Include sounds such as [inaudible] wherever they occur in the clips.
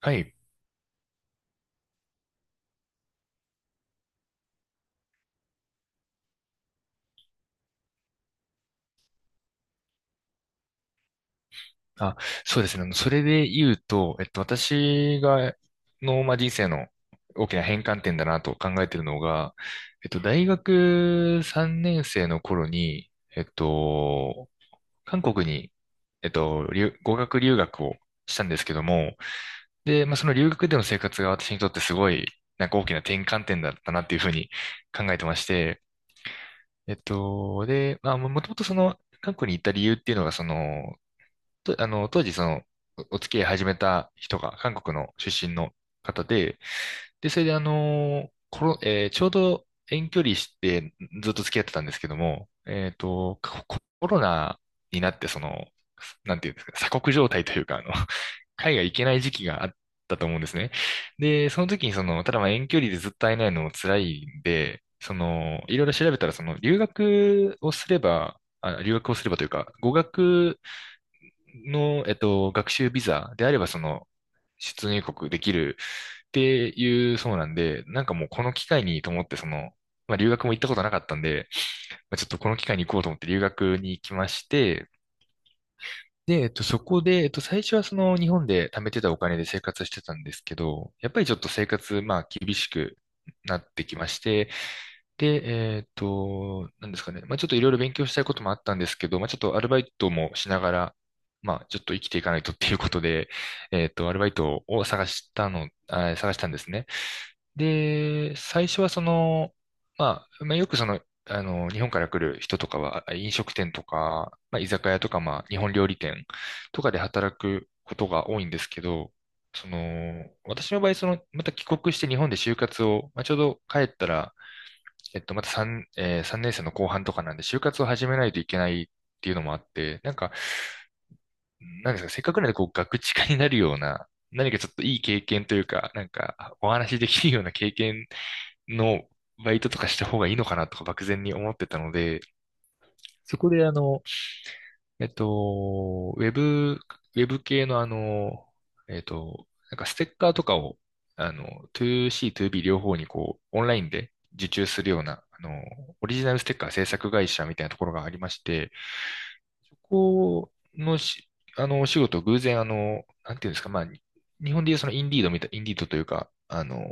はい。あ、そうですね。それで言うと、私が、まあ、人生の大きな変換点だなと考えているのが、大学3年生の頃に、えっと、韓国に、語学留学をしたんですけども、で、まあ、その留学での生活が私にとってすごい、なんか大きな転換点だったなっていうふうに考えてまして、で、まあ、もともとその、韓国に行った理由っていうのが、その、当時その、お付き合い始めた人が韓国の出身の方で、で、それでコロ、えーちょうど遠距離してずっと付き合ってたんですけども、コロナになってその、なんていうんですか、鎖国状態というか、[laughs] 海外行けない時期があったと思うんですね。で、その時にその、ただまあ遠距離でずっと会えないのも辛いんで、その、いろいろ調べたら、その、留学をすれば、あ、留学をすればというか、語学の、学習ビザであれば、その、出入国できるっていうそうなんで、なんかもうこの機会にと思って、その、まあ、留学も行ったことなかったんで、まあ、ちょっとこの機会に行こうと思って留学に行きまして、で、そこで、最初はその日本で貯めてたお金で生活してたんですけど、やっぱりちょっと生活、まあ、厳しくなってきまして、で、なんですかね、まあ、ちょっといろいろ勉強したいこともあったんですけど、まあ、ちょっとアルバイトもしながら、まあ、ちょっと生きていかないとっていうことで、アルバイトを探したの、あ、探したんですね。で、最初はその、まあ、まあ、よくその、日本から来る人とかは、飲食店とか、まあ、居酒屋とか、まあ、日本料理店とかで働くことが多いんですけど、その、私の場合、その、また帰国して日本で就活を、まあ、ちょうど帰ったら、また3年生の後半とかなんで、就活を始めないといけないっていうのもあって、なんか、なんですか、せっかくなんで、こう、ガクチカになるような、何かちょっといい経験というか、なんか、お話しできるような経験のバイトとかした方がいいのかなとか漠然に思ってたので、そこでえっと、ウェブ、ウェブ系のなんかステッカーとかを、あの、2C、2B 両方にこう、オンラインで受注するような、オリジナルステッカー制作会社みたいなところがありまして、そこのお仕事、偶然、なんていうんですか、まあ、日本でいうそのインディードみたい、インディードというか、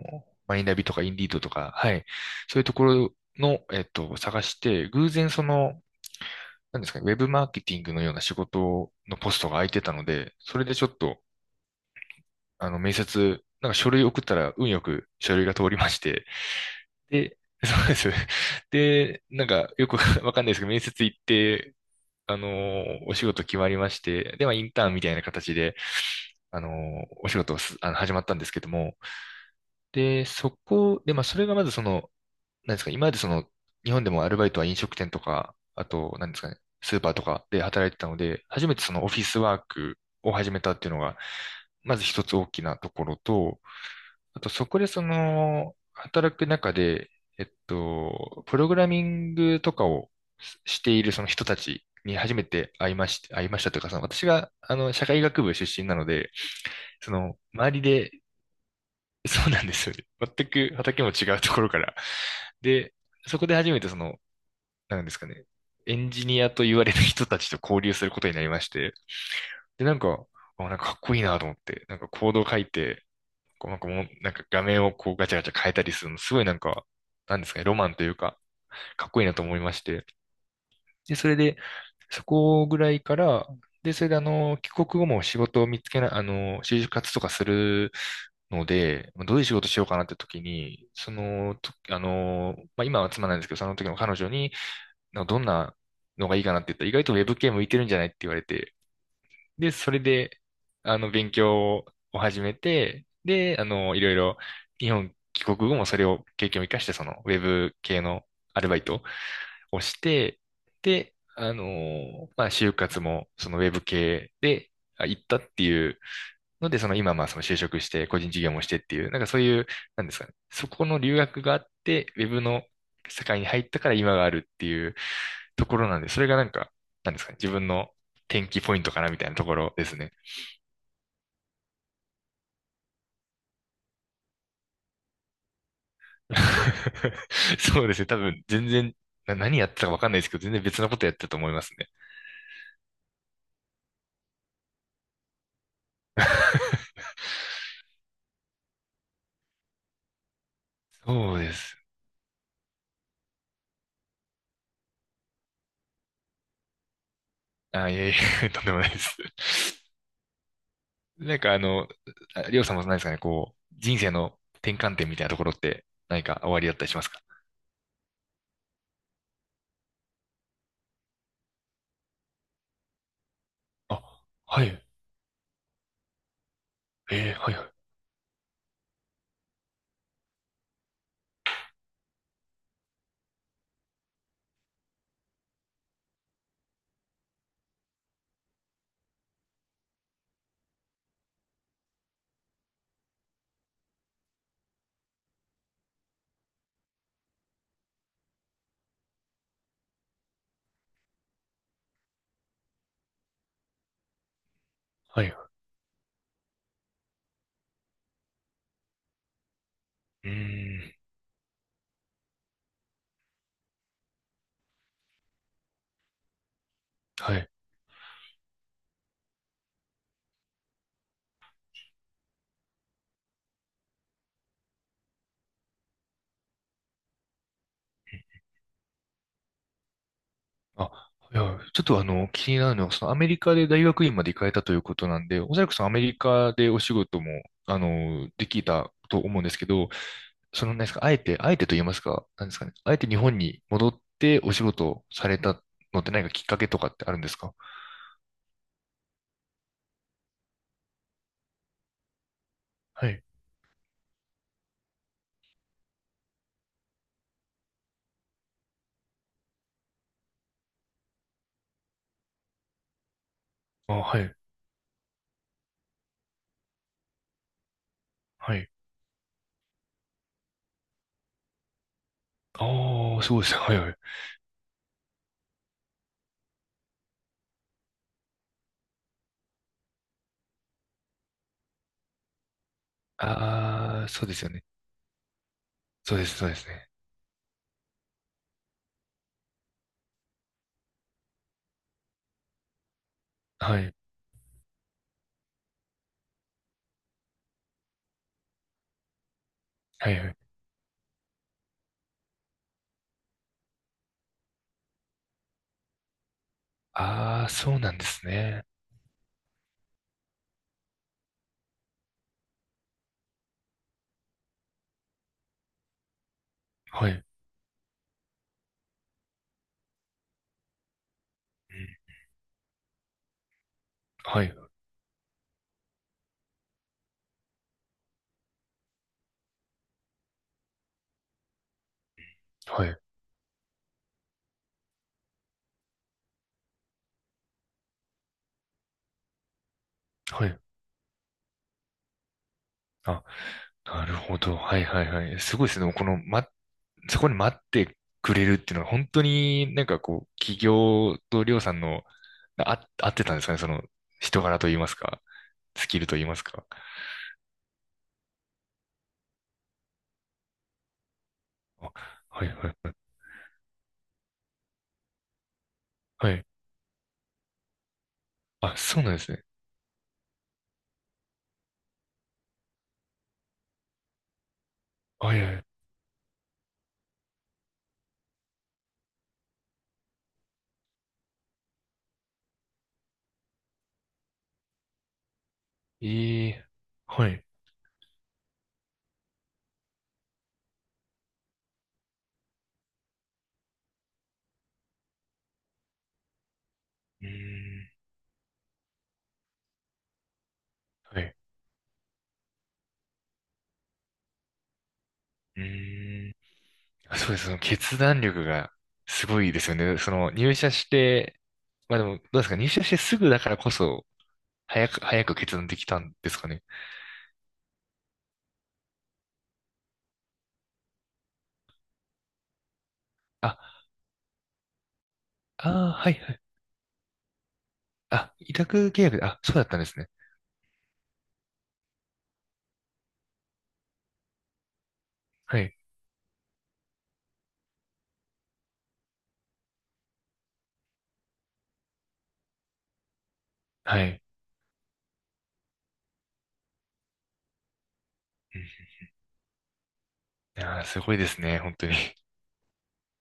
マイナビとかインディードとか、はい、そういうところの、探して、偶然その、なんですかね、ウェブマーケティングのような仕事のポストが空いてたので、それでちょっと、面接、なんか書類送ったら運よく書類が通りまして、で、[laughs] そうです。で、なんか、よく [laughs] わかんないですけど、面接行って、お仕事決まりまして、で、まあ、インターンみたいな形で、お仕事をすあの、始まったんですけども、で、で、まあ、それがまずその、なんですか、今までその、日本でもアルバイトは飲食店とか、あと、なんですかね、スーパーとかで働いてたので、初めてそのオフィスワークを始めたっていうのが、まず一つ大きなところと、あと、そこでその、働く中で、プログラミングとかをしているその人たちに初めて会いましたというか、その私が、社会学部出身なので、その、周りで、[laughs] そうなんですよね。全く畑も違うところから。で、そこで初めてその、なんですかね、エンジニアと言われる人たちと交流することになりまして、で、なんか、あ、なんかかっこいいなと思って、なんかコードを書いて、こうなんかもう、なんか画面をこうガチャガチャ変えたりするの、すごいなんか、なんですかね、ロマンというか、かっこいいなと思いまして。で、それで、そこぐらいから、で、それで帰国後も仕事を見つけない、就活とかするので、まあどういう仕事しようかなって時に、その、とあの、まあ、今は妻なんですけど、その時の彼女に、なんかどんなのがいいかなって言ったら、意外とウェブ系向いてるんじゃないって言われて、で、それで、勉強を始めて、で、いろいろ、日本帰国後もそれを経験を生かして、その、ウェブ系のアルバイトをして、で、まあ、就活も、そのウェブ系で、行ったっていうので、その今、まあ、その就職して、個人事業もしてっていう、なんかそういう、なんですかね。そこの留学があって、ウェブの世界に入ったから今があるっていうところなんで、それがなんか、なんですかね。自分の転機ポイントかなみたいなところですね。[laughs] そうですね。多分、全然、何やってたかわかんないですけど、全然別のことやってたと思いますね。[laughs] そうです。あ、いえいえ、[laughs] とんでもないです。なんかありょうさんも何ですかね、こう、人生の転換点みたいなところって何か終わりだったりしますか？あ、はい。えー、はいはい。はい。うーん。はい。あ、いや、ちょっと気になるのは、そのアメリカで大学院まで行かれたということなんで、おそらくそのアメリカでお仕事も、できたと思うんですけど、その、なんですか、あえて、あえてと言いますか、なんですかね、あえて日本に戻ってお仕事をされたのって何かきっかけとかってあるんですか？はい。あ、はい。はい。ああ、そうですね。はいはい。ああ、そうですよね。そうです、そうですね。はい。はいはい。ああ、そうなんですね。はい。うん。はい。はい。はい。あ、なるほど。はいはいはい。すごいですね。この、ま、そこに待ってくれるっていうのは、本当になんかこう、企業とりょうさんの、あ、合ってたんですかね。その、人柄と言いますか、スキルと言いますか。あ、はいはいはい。はい。あ、そうなんですね。はいはい。ええ。はい。うーん。はい。うーん。そうです。その決断力がすごいですよね。その入社して、まあでも、どうですか、入社してすぐだからこそ、早く、早く決断できたんですかね。あ、ああ、はい、はい。あ、委託契約で、あ、そうだったんですね。はい、はい。うん。いやー、すごいですね、本当に。